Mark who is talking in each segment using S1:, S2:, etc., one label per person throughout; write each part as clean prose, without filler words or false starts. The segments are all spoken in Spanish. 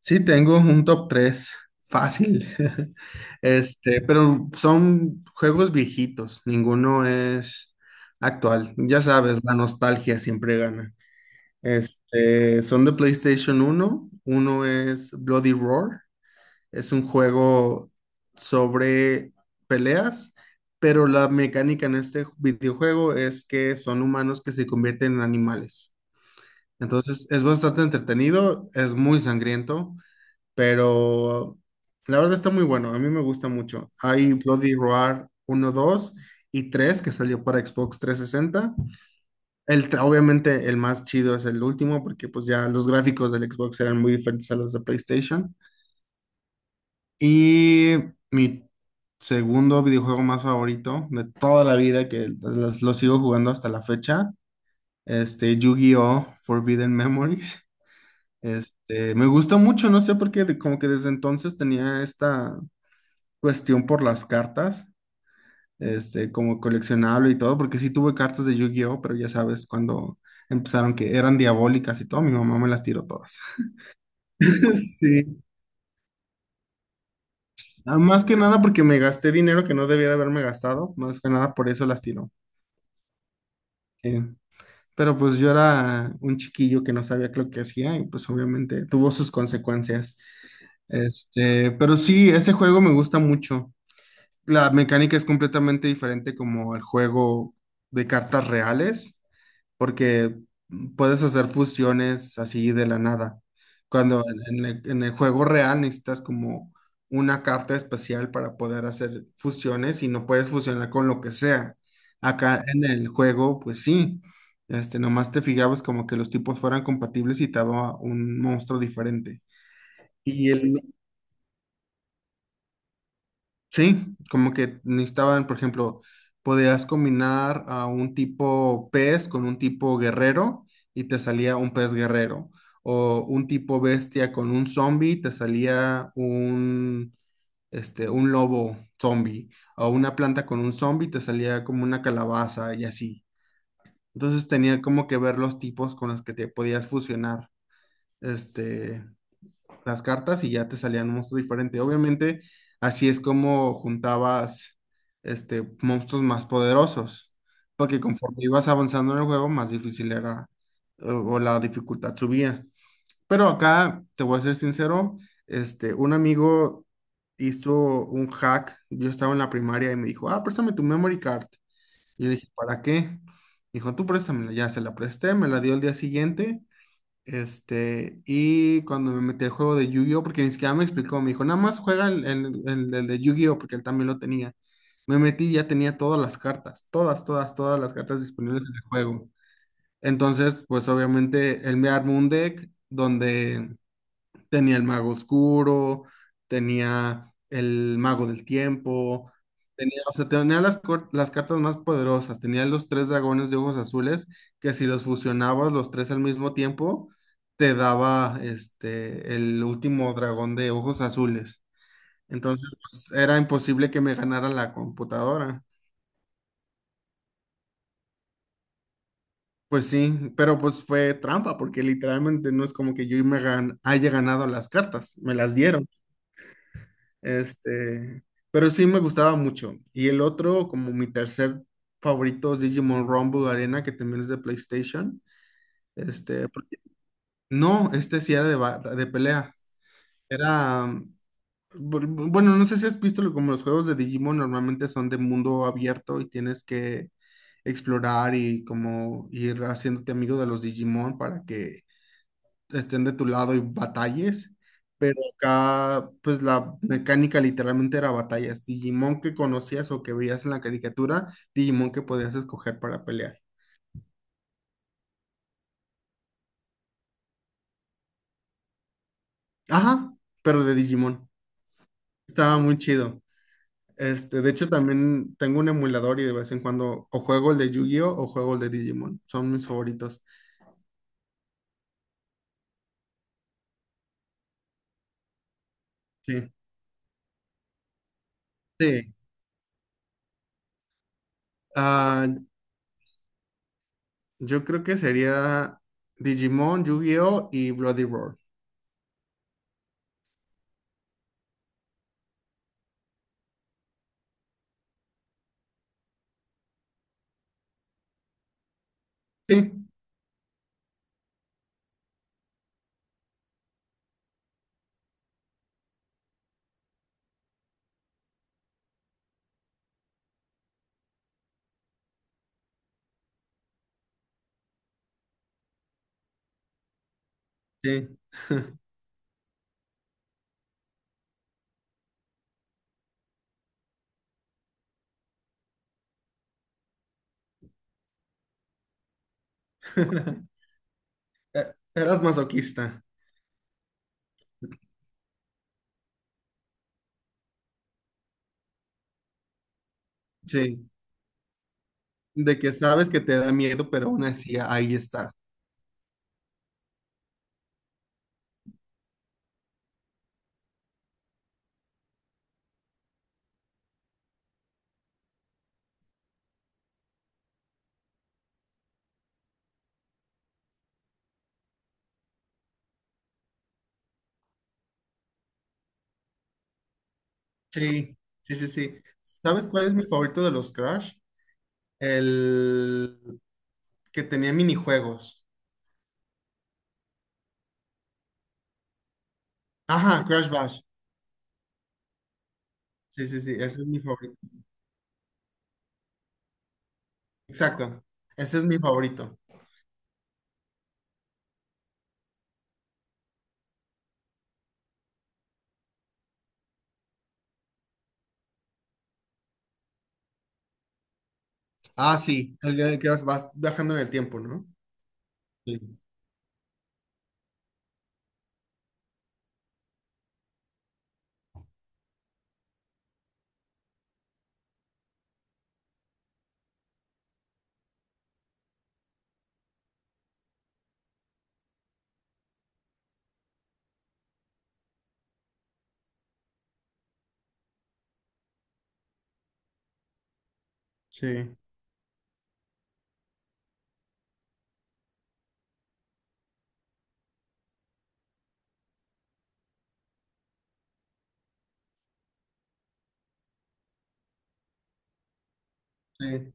S1: Sí, tengo un top 3 fácil. Pero son juegos viejitos, ninguno es actual. Ya sabes, la nostalgia siempre gana. Son de PlayStation uno. Uno es Bloody Roar. Es un juego sobre peleas, pero la mecánica en este videojuego es que son humanos que se convierten en animales. Entonces, es bastante entretenido, es muy sangriento pero la verdad está muy bueno, a mí me gusta mucho. Hay Bloody Roar uno 2 y 3 que salió para Xbox 360. Obviamente el más chido es el último porque pues ya los gráficos del Xbox eran muy diferentes a los de PlayStation. Y mi segundo videojuego más favorito de toda la vida que lo sigo jugando hasta la fecha, Yu-Gi-Oh! Forbidden Memories. Me gusta mucho, no sé por qué, como que desde entonces tenía esta cuestión por las cartas, como coleccionable y todo, porque sí tuve cartas de Yu-Gi-Oh, pero ya sabes, cuando empezaron que eran diabólicas y todo, mi mamá me las tiró todas. Sí. Ah, más que nada porque me gasté dinero que no debía de haberme gastado, más que nada por eso las tiró. Eh, Pero pues yo era un chiquillo que no sabía lo que hacía y pues obviamente tuvo sus consecuencias. Pero sí, ese juego me gusta mucho. La mecánica es completamente diferente como el juego de cartas reales, porque puedes hacer fusiones así de la nada. Cuando en el juego real necesitas como una carta especial para poder hacer fusiones y no puedes fusionar con lo que sea. Acá en el juego, pues sí, nomás te fijabas como que los tipos fueran compatibles y te daba un monstruo diferente. Y el, Sí, como que necesitaban, por ejemplo, podías combinar a un tipo pez con un tipo guerrero y te salía un pez guerrero. O un tipo bestia con un zombie, te salía un lobo zombie. O una planta con un zombie, te salía como una calabaza y así. Entonces tenía como que ver los tipos con los que te podías fusionar. Este, las cartas y ya te salían un monstruo diferente. Obviamente, así es como juntabas monstruos más poderosos, porque conforme ibas avanzando en el juego, más difícil era, o la dificultad subía. Pero acá, te voy a ser sincero, un amigo hizo un hack, yo estaba en la primaria y me dijo, ah, préstame tu memory card. Y yo le dije, ¿para qué? Dijo, tú préstamela, ya se la presté, me la dio el día siguiente, y cuando me metí al juego de Yu-Gi-Oh, porque ni siquiera me explicó, me dijo, nada más juega el de Yu-Gi-Oh, porque él también lo tenía. Me metí y ya tenía todas las cartas, todas, todas, todas las cartas disponibles en el juego. Entonces, pues obviamente él me armó un deck donde tenía el mago oscuro, tenía el mago del tiempo, tenía, o sea, tenía las cartas más poderosas, tenía los tres dragones de ojos azules, que si los fusionabas los tres al mismo tiempo, te daba, el último dragón de ojos azules. Entonces, pues, era imposible que me ganara la computadora. Pues sí, pero pues fue trampa, porque literalmente no es como que yo haya ganado las cartas, me las dieron. Este, pero sí me gustaba mucho. Y el otro, como mi tercer favorito, es Digimon Rumble Arena, que también es de PlayStation. Este, porque- no, sí era de pelea. Era, bueno, no sé si has visto como los juegos de Digimon normalmente son de mundo abierto y tienes que explorar y como ir haciéndote amigo de los Digimon para que estén de tu lado y batalles, pero acá pues la mecánica literalmente era batallas. Digimon que conocías o que veías en la caricatura, Digimon que podías escoger para pelear. Ajá, pero de Digimon. Estaba muy chido. De hecho también tengo un emulador y de vez en cuando o juego el de Yu-Gi-Oh o juego el de Digimon. Son mis favoritos. Sí. Sí. Ah, yo creo que sería Digimon, Yu-Gi-Oh y Bloody Roar. Sí, sí. Eras masoquista. Sí. De que sabes que te da miedo, pero aún así ahí estás. Sí, sí, sí, sí. ¿Sabes cuál es mi favorito de los Crash? El que tenía minijuegos. Ajá, Crash Bash. Sí, sí, sí, ese es mi favorito. Exacto. Ese es mi favorito. Ah, sí, el que vas viajando en el tiempo, ¿no? Sí, sí, sí,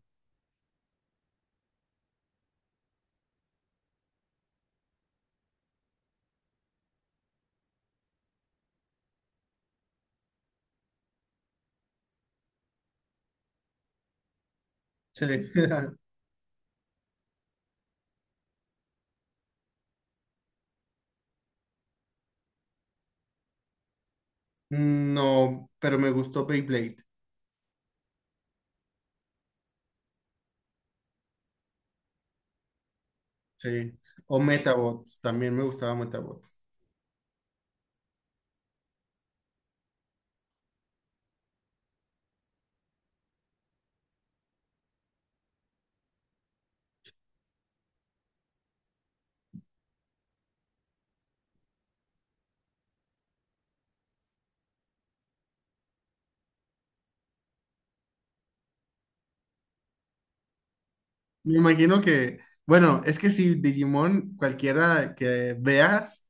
S1: sí. No, pero me gustó Beyblade. Sí. O Metabots, también me gustaba Metabots. Me imagino que, bueno, es que si Digimon, cualquiera que veas,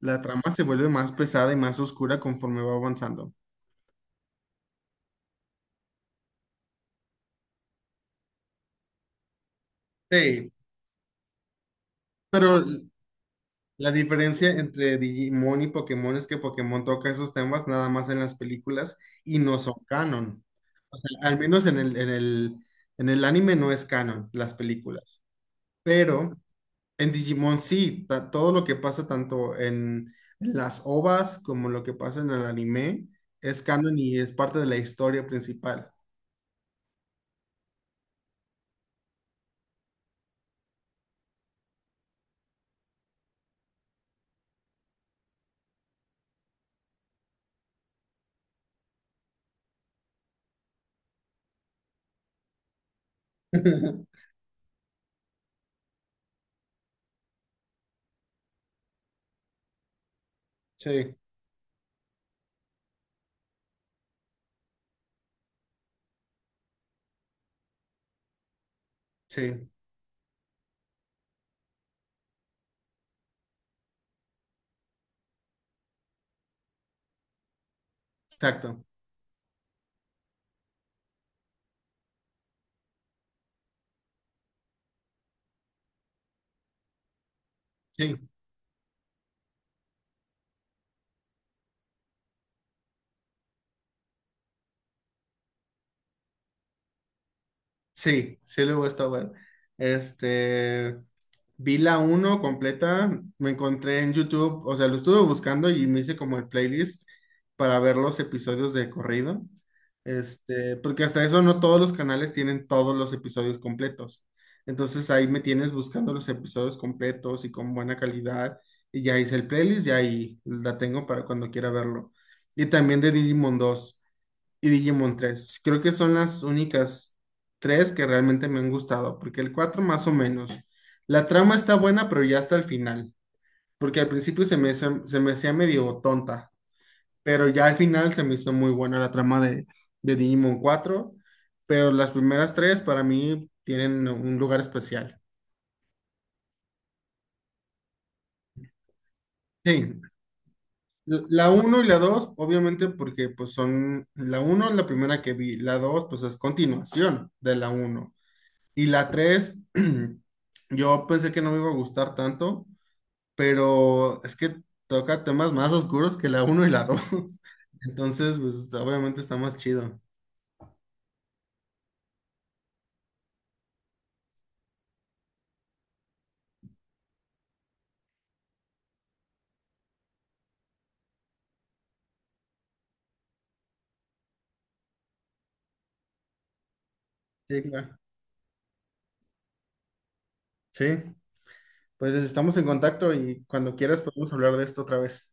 S1: la trama se vuelve más pesada y más oscura conforme va avanzando. Sí, pero la diferencia entre Digimon y Pokémon es que Pokémon toca esos temas nada más en las películas y no son canon. Al menos en el anime no es canon las películas. Pero en Digimon sí, todo lo que pasa tanto en las OVAs como lo que pasa en el anime es canon y es parte de la historia principal. Sí, sí, exacto. Sí. Sí, sí, luego está bueno. Este, Vi la uno completa, me encontré en YouTube, o sea, lo estuve buscando y me hice como el playlist para ver los episodios de corrido. Porque hasta eso no todos los canales tienen todos los episodios completos. Entonces ahí me tienes buscando los episodios completos y con buena calidad. Y ya hice el playlist y ahí la tengo para cuando quiera verlo. Y también de Digimon 2 y Digimon tres. Creo que son las únicas tres que realmente me han gustado, porque el 4 más o menos. La trama está buena, pero ya hasta el final, porque al principio se me hacía medio tonta, pero ya al final se me hizo muy buena la trama de Digimon cuatro, pero las primeras tres para mí tienen un lugar especial. Sí, la uno y la 2 obviamente porque pues son, la uno es la primera que vi, la 2 pues es continuación de la uno. Y la 3 yo pensé que no me iba a gustar tanto, pero es que toca temas más oscuros que la uno y la dos. Entonces, pues obviamente está más chido. Sí, claro. Sí, pues estamos en contacto y cuando quieras podemos hablar de esto otra vez.